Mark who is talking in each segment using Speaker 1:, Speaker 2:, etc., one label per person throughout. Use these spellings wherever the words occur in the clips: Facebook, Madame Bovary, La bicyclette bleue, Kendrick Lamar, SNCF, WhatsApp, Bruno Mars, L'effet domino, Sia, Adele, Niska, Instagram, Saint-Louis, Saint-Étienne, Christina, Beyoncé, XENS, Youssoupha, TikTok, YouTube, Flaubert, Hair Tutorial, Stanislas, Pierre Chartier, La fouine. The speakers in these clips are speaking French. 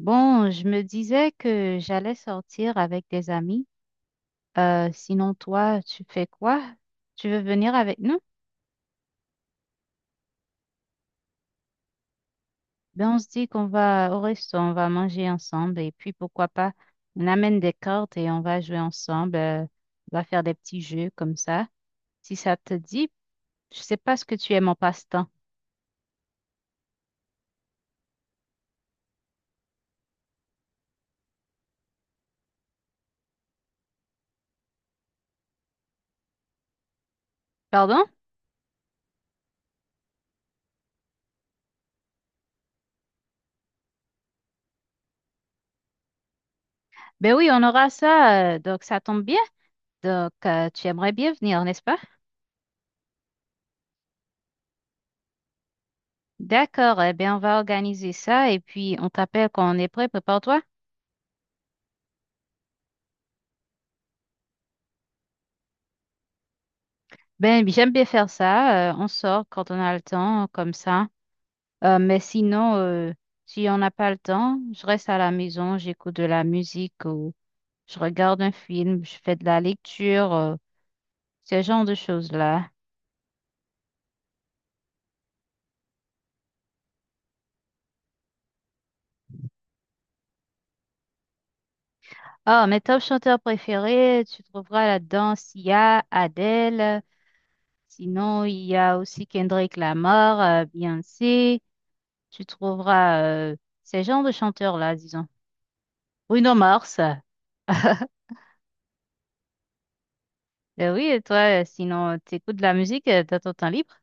Speaker 1: Bon, je me disais que j'allais sortir avec des amis. Sinon, toi, tu fais quoi? Tu veux venir avec nous? Ben, on se dit qu'on va au resto, on va manger ensemble et puis pourquoi pas, on amène des cartes et on va jouer ensemble. On va faire des petits jeux comme ça. Si ça te dit, je sais pas ce que tu aimes en passe-temps. Pardon? Ben oui, on aura ça, donc ça tombe bien. Donc, tu aimerais bien venir, n'est-ce pas? D'accord, eh bien, on va organiser ça et puis on t'appelle quand on est prêt, prépare-toi. Ben, oui, j'aime bien faire ça. On sort quand on a le temps, comme ça. Mais sinon, si on n'a pas le temps, je reste à la maison, j'écoute de la musique ou je regarde un film, je fais de la lecture, ce genre de choses-là. Ah, mes top chanteurs préférés, tu trouveras là-dedans Sia, Adele. Sinon, il y a aussi Kendrick Lamar, Beyoncé. Tu trouveras ces genres de chanteurs-là, disons. Bruno Mars. Ben oui, et toi, sinon, t'écoutes de la musique dans ton temps libre?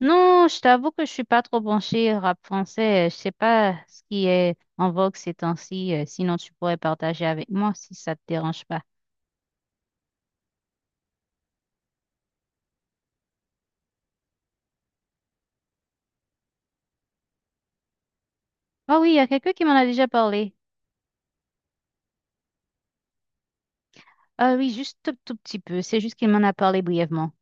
Speaker 1: Non, je t'avoue que je suis pas trop branchée rap français. Je sais pas ce qui est en vogue ces temps-ci. Sinon, tu pourrais partager avec moi si ça te dérange pas. Ah oui, il y a quelqu'un qui m'en a déjà parlé. Ah oui, juste tout, tout petit peu. C'est juste qu'il m'en a parlé brièvement.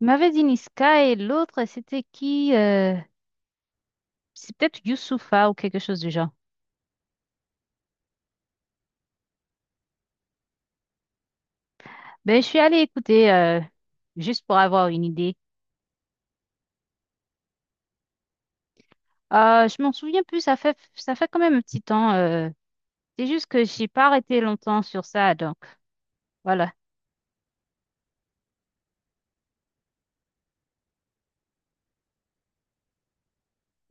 Speaker 1: Il m'avait dit Niska et l'autre, c'était qui? C'est peut-être Youssoupha ou quelque chose du genre. Ben, je suis allée écouter juste pour avoir une idée. Ah, je m'en souviens plus. Ça fait quand même un petit temps. C'est juste que j'ai pas arrêté longtemps sur ça, donc voilà.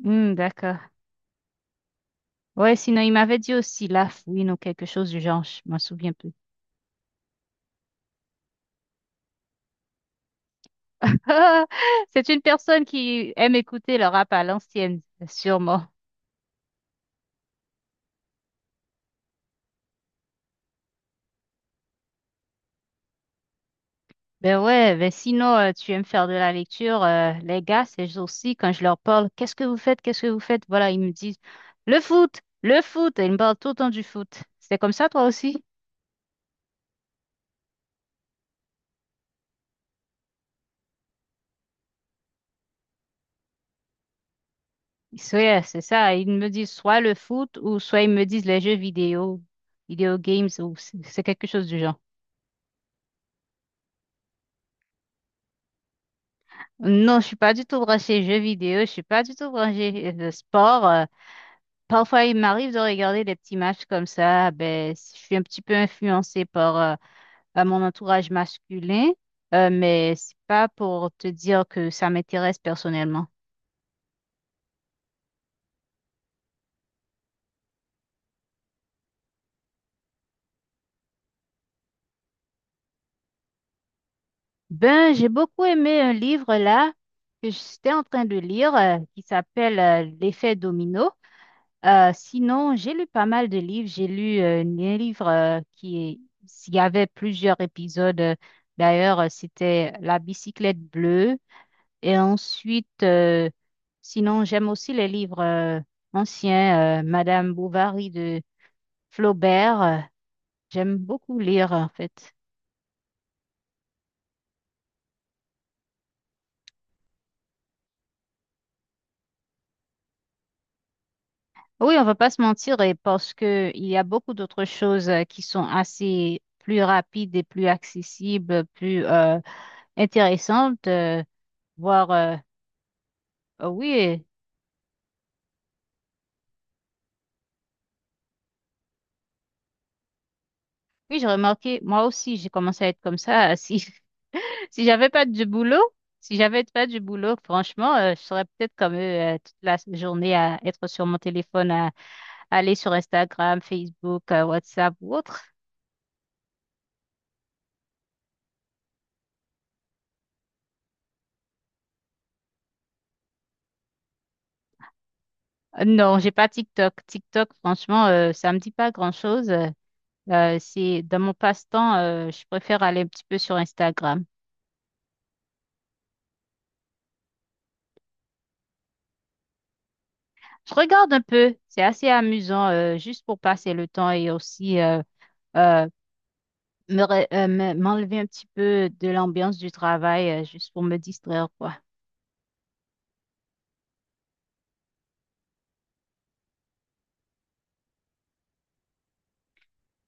Speaker 1: Hmm, d'accord. Ouais, sinon il m'avait dit aussi la fouine ou quelque chose du genre, je m'en souviens plus. C'est une personne qui aime écouter le rap à l'ancienne, sûrement. Ben ouais, ben sinon tu aimes faire de la lecture, les gars, c'est aussi quand je leur parle, qu'est-ce que vous faites, qu'est-ce que vous faites? Voilà, ils me disent le foot, et ils me parlent tout le temps du foot. C'est comme ça toi aussi? Ouais, c'est ça. Ils me disent soit le foot ou soit ils me disent les jeux vidéo, vidéo games ou c'est quelque chose du genre. Non, je suis pas du tout branchée jeux vidéo, je suis pas du tout branchée sport. Parfois, il m'arrive de regarder des petits matchs comme ça. Ben, je suis un petit peu influencée par à mon entourage masculin, mais c'est pas pour te dire que ça m'intéresse personnellement. Ben, j'ai beaucoup aimé un livre là que j'étais en train de lire qui s'appelle L'effet domino. Sinon, j'ai lu pas mal de livres. J'ai lu un livre qui est, il y avait plusieurs épisodes. D'ailleurs, c'était La bicyclette bleue. Et ensuite, sinon, j'aime aussi les livres anciens, Madame Bovary de Flaubert. J'aime beaucoup lire, en fait. Oui, on va pas se mentir, et parce que il y a beaucoup d'autres choses qui sont assez plus rapides et plus accessibles, plus intéressantes. Voir Ah oui, oui, j'ai remarqué, moi aussi, j'ai commencé à être comme ça. Si, si j'avais pas du boulot, si j'avais pas du boulot, franchement, je serais peut-être comme eux toute la journée à être sur mon téléphone, à aller sur Instagram, Facebook, WhatsApp ou autre. Non, j'ai pas TikTok. TikTok, franchement, ça me dit pas grand-chose. C'est dans mon passe-temps, je préfère aller un petit peu sur Instagram. Je regarde un peu, c'est assez amusant, juste pour passer le temps et aussi euh, m'enlever un petit peu de l'ambiance du travail, juste pour me distraire, quoi.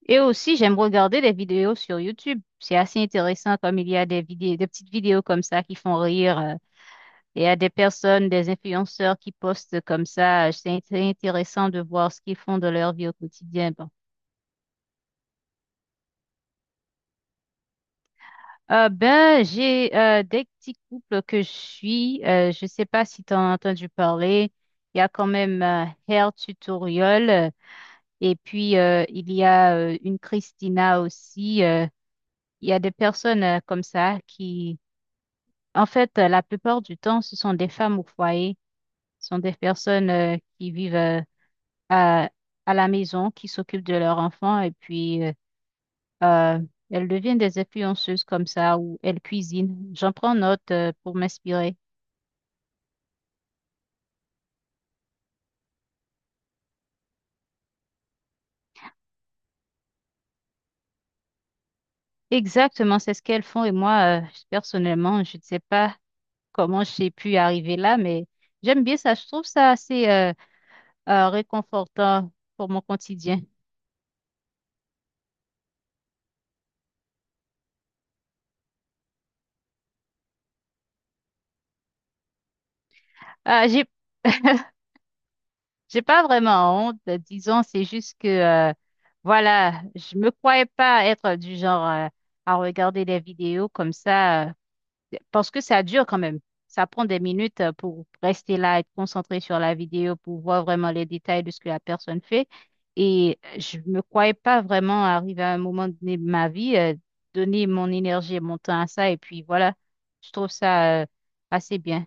Speaker 1: Et aussi, j'aime regarder des vidéos sur YouTube. C'est assez intéressant comme il y a des vidéos, des petites vidéos comme ça qui font rire. Et il y a des personnes, des influenceurs qui postent comme ça. Intéressant de voir ce qu'ils font de leur vie au quotidien. Bon. Ben, j'ai des petits couples que je suis. Je sais pas si tu as entendu parler. Il y a quand même Hair Tutorial. Euh, et puis, il y a une Christina aussi. Il y a des personnes comme ça qui, en fait, la plupart du temps, ce sont des femmes au foyer, ce sont des personnes qui vivent à, à la maison, qui s'occupent de leurs enfants et puis euh, elles deviennent des influenceuses comme ça ou elles cuisinent. J'en prends note pour m'inspirer. Exactement, c'est ce qu'elles font et moi, personnellement, je ne sais pas comment j'ai pu arriver là, mais j'aime bien ça. Je trouve ça assez réconfortant pour mon quotidien. J'ai, j'ai pas vraiment honte, disons, c'est juste que, euh, voilà, je me croyais pas être du genre, à regarder des vidéos comme ça, parce que ça dure quand même. Ça prend des minutes pour rester là, être concentré sur la vidéo, pour voir vraiment les détails de ce que la personne fait. Et je me croyais pas vraiment arriver à un moment donné de ma vie, donner mon énergie et mon temps à ça. Et puis voilà, je trouve ça, assez bien.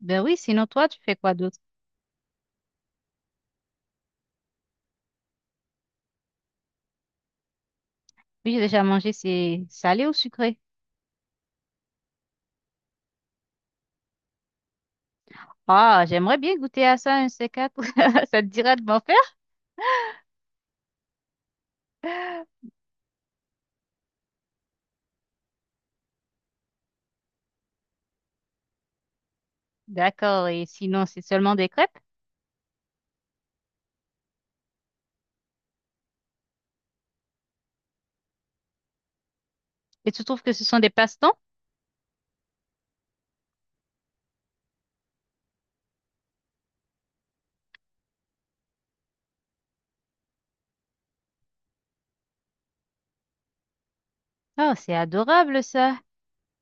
Speaker 1: Ben oui, sinon toi, tu fais quoi d'autre? Oui, j'ai déjà mangé, c'est salé ou sucré? Ah, j'aimerais bien goûter à ça, un C4. Ça te dirait de m'en faire? D'accord, et sinon, c'est seulement des crêpes? Et tu trouves que ce sont des passe-temps? Oh, c'est adorable ça.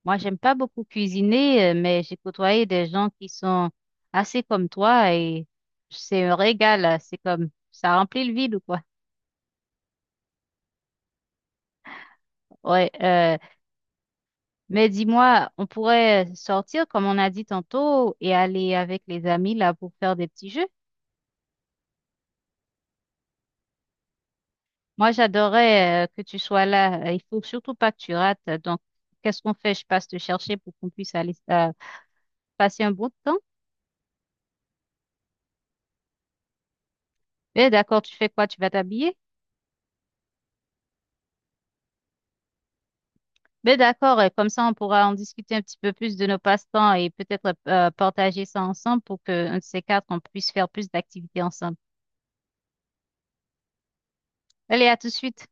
Speaker 1: Moi, j'aime pas beaucoup cuisiner, mais j'ai côtoyé des gens qui sont assez comme toi et c'est un régal. C'est comme ça remplit le vide ou quoi. Ouais, euh, mais dis-moi, on pourrait sortir comme on a dit tantôt et aller avec les amis là pour faire des petits jeux. Moi, j'adorais que tu sois là. Il faut surtout pas que tu rates. Donc, qu'est-ce qu'on fait? Je passe te chercher pour qu'on puisse aller passer un bon temps. Mais d'accord, tu fais quoi? Tu vas t'habiller? Mais d'accord, comme ça, on pourra en discuter un petit peu plus de nos passe-temps et peut-être partager ça ensemble pour que un de ces quatre, on puisse faire plus d'activités ensemble. Allez, à tout de suite.